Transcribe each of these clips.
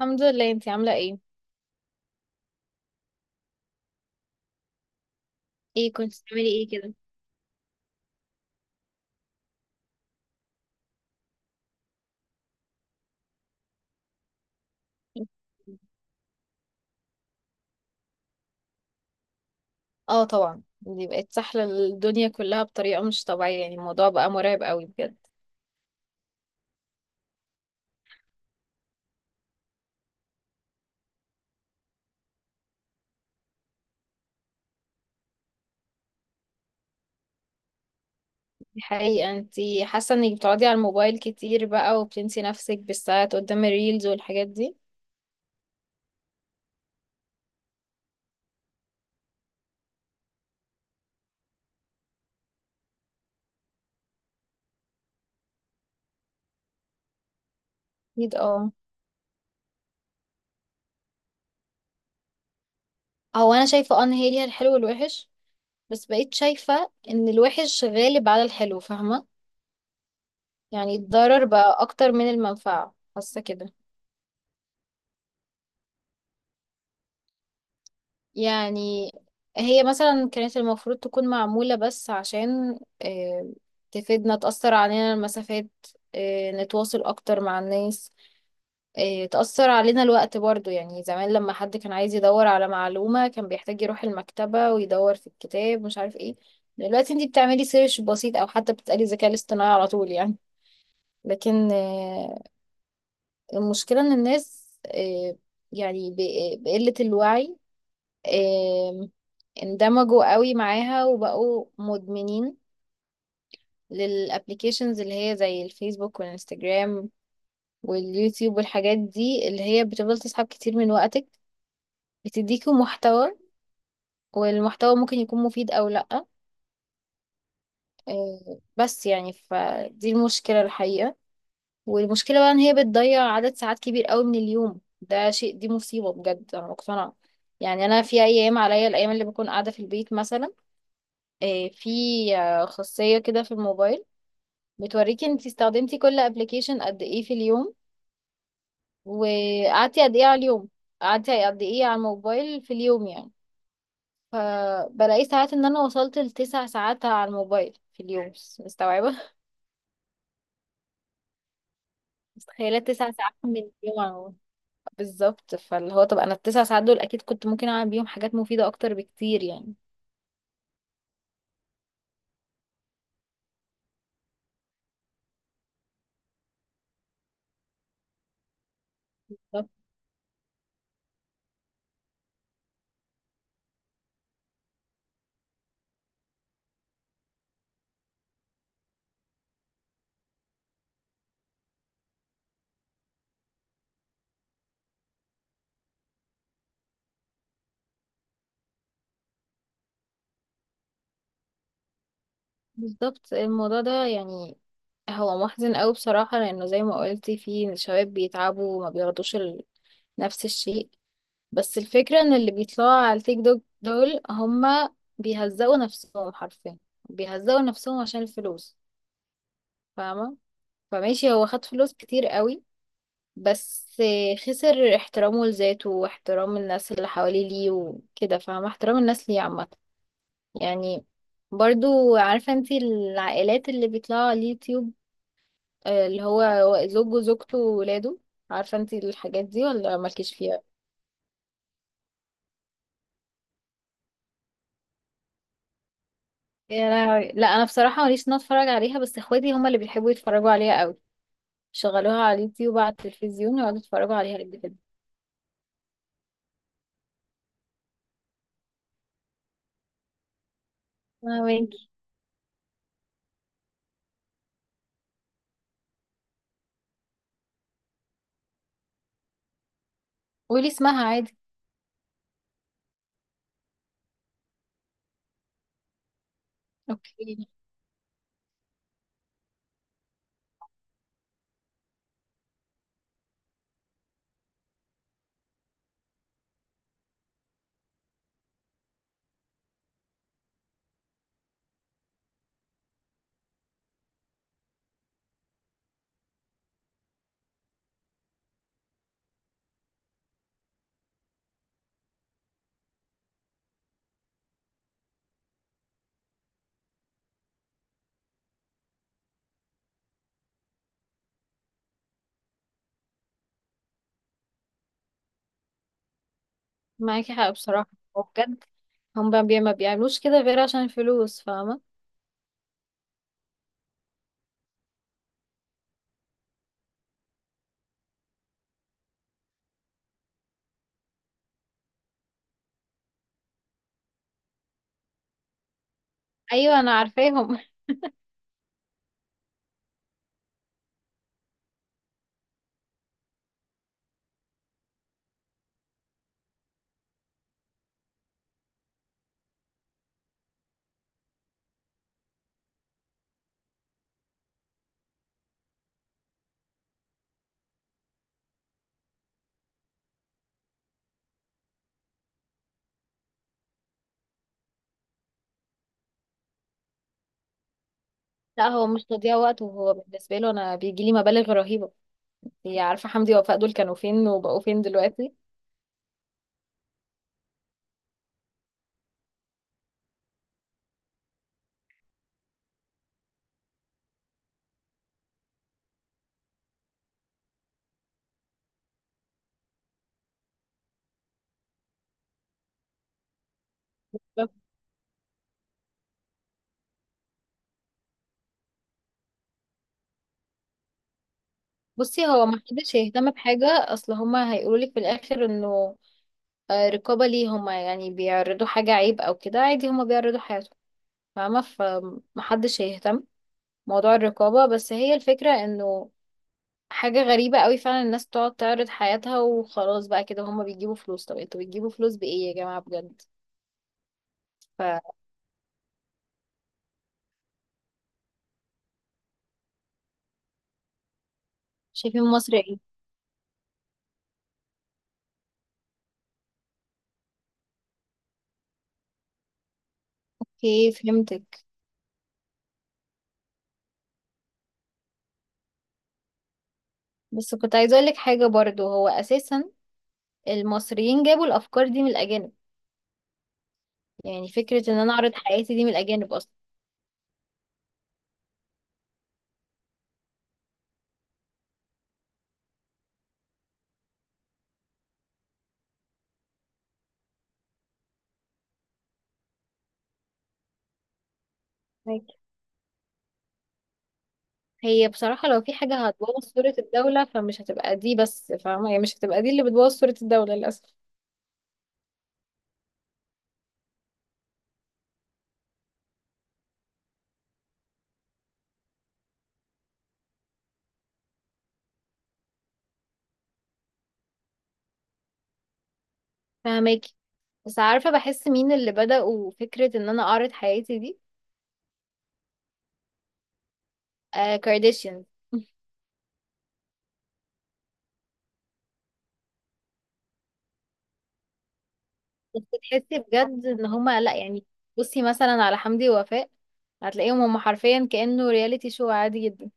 الحمد لله. انتي عاملة ايه؟ ايه كنت بتعملي ايه كده؟ اه طبعا، دي بقت سحلة الدنيا كلها بطريقة مش طبيعية، يعني الموضوع بقى مرعب قوي بجد. دي حقيقة. انتي حاسة انك بتقعدي على الموبايل كتير بقى وبتنسي نفسك بالساعات قدام الريلز والحاجات دي؟ اكيد اه. هو انا شايفة ان هي ليها الحلو والوحش، بس بقيت شايفة ان الوحش غالب على الحلو، فاهمة؟ يعني الضرر بقى اكتر من المنفعة، حاسة كده. يعني هي مثلا كانت المفروض تكون معمولة بس عشان تفيدنا، تأثر علينا المسافات، نتواصل أكتر مع الناس، تأثر علينا الوقت برضو. يعني زمان لما حد كان عايز يدور على معلومة كان بيحتاج يروح المكتبة ويدور في الكتاب مش عارف ايه. دلوقتي انتي بتعملي سيرش بسيط أو حتى بتسألي الذكاء الاصطناعي على طول يعني. لكن المشكلة إن الناس، يعني بقلة الوعي، آه، اندمجوا قوي معاها وبقوا مدمنين للابليكيشنز اللي هي زي الفيسبوك والانستجرام واليوتيوب والحاجات دي، اللي هي بتفضل تسحب كتير من وقتك، بتديكوا محتوى، والمحتوى ممكن يكون مفيد او لا. بس يعني فدي المشكلة الحقيقة. والمشكلة بقى ان هي بتضيع عدد ساعات كبير قوي من اليوم، ده شيء، دي مصيبة بجد، انا مقتنعة. يعني انا في ايام عليا الايام اللي بكون قاعدة في البيت مثلا، في خاصية كده في الموبايل بتوريكي انتي استخدمتي كل ابلكيشن قد ايه في اليوم، وقعدتي قد ايه على اليوم، قعدتي قد ايه على الموبايل في اليوم يعني. فبلاقي ساعات ان انا وصلت لتسع ساعات على الموبايل في اليوم، مستوعبة؟ متخيلة 9 ساعات من اليوم على الموبايل؟ بالظبط، فاللي هو طب انا الـ9 ساعات دول اكيد كنت ممكن اعمل بيهم حاجات مفيدة اكتر بكتير يعني. طب بالظبط، الموضوع ده يعني هو محزن قوي بصراحة، لانه زي ما قلتي في شباب بيتعبوا وما نفس الشيء. بس الفكرة ان اللي بيطلعوا على التيك توك دول هما بيهزقوا نفسهم حرفيا، بيهزقوا نفسهم عشان الفلوس، فاهمة؟ فماشي هو خد فلوس كتير قوي، بس خسر احترامه لذاته واحترام الناس اللي حواليه ليه وكده، فاهمة؟ احترام الناس ليه عامة. يعني برضو عارفة انتي العائلات اللي بيطلعوا على اليوتيوب، اللي هو زوجه وزوجته وولاده؟ عارفة انتي الحاجات دي ولا مالكيش فيها؟ يا لهوي، لا انا بصراحه ماليش ان أنا اتفرج عليها، بس اخواتي هما اللي بيحبوا يتفرجوا عليها قوي. شغلوها على اليوتيوب على التلفزيون ويقعدوا يتفرجوا عليها قد كده. فاهماكي. قولي اسمها عادي. اوكي. معاكي حق بصراحه، وبجد هم ما بيعملوش كده غير عشان الفلوس، فاهمه. ايوه انا عارفاهم لا، هو مش تضييع وقت، وهو بالنسبه له انا بيجي لي مبالغ رهيبه. هي عارفه حمدي ووفاء دول كانوا فين وبقوا فين دلوقتي. بصي، هو ما حدش يهتم بحاجه، اصل هما هيقولوا لك في الاخر انه رقابة ليه؟ هما يعني بيعرضوا حاجة عيب أو كده؟ عادي، هما بيعرضوا حياتهم، فاهمة؟ فمحدش هيهتم موضوع الرقابة. بس هي الفكرة إنه حاجة غريبة قوي فعلا الناس تقعد تعرض حياتها وخلاص بقى كده. هما بيجيبوا فلوس، طب انتوا بتجيبوا فلوس بإيه يا جماعة بجد؟ فشايفين مصر ايه؟ اوكي فهمتك. بس كنت عايزة أقولك حاجة برضو، هو أساسا المصريين جابوا الأفكار دي من الأجانب. يعني فكرة إن أنا أعرض حياتي دي من الأجانب أصلا. هي بصراحة لو في حاجة هتبوظ صورة الدولة فمش هتبقى دي بس، فاهمة يعني؟ مش هتبقى دي اللي بتبوظ صورة الدولة للأسف. فاهماكي. بس عارفة بحس مين اللي بدأوا فكرة إن أنا أعرض حياتي دي؟ آه، كارديشيان بس تحسي بجد إن هما لأ، يعني. بصي مثلا على حمدي ووفاء، هتلاقيهم هما حرفيا كأنه رياليتي شو عادي جدا.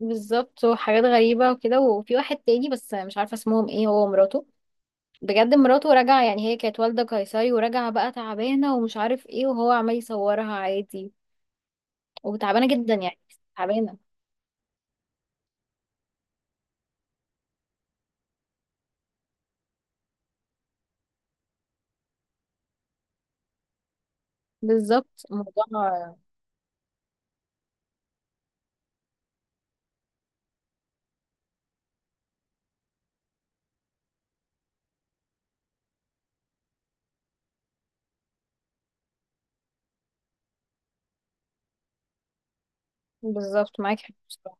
بالظبط، وحاجات غريبة وكده. وفي واحد تاني بس مش عارفة اسمهم ايه، هو ومراته. بجد مراته راجعة، يعني هي كانت والدة قيصري وراجعة بقى تعبانة ومش عارف ايه، وهو عمال يصورها عادي. وتعبانة جدا يعني، تعبانة. بالظبط الموضوع. بالظبط معاك حق بصراحة.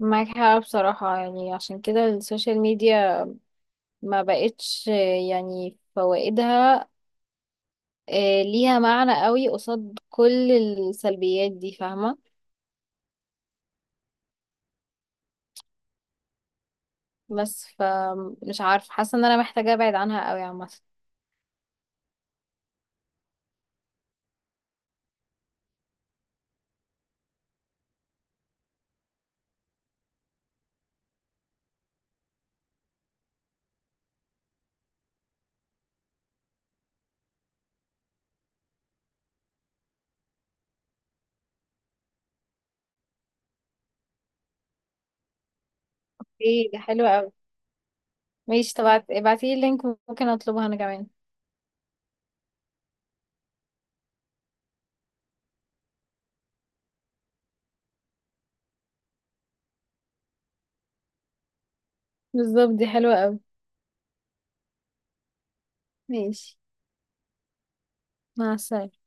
معاك حق بصراحة. يعني عشان كده السوشيال ميديا ما بقتش، يعني فوائدها ليها معنى قوي قصاد كل السلبيات دي، فاهمة؟ بس فمش عارفة، حاسة ان انا محتاجة ابعد عنها قوي عامة. ايه ده حلو قوي. ماشي طب، ابعتيلي اللينك، ممكن اطلبها انا كمان. بالظبط، دي حلوة أوي. ماشي. مع السلامة.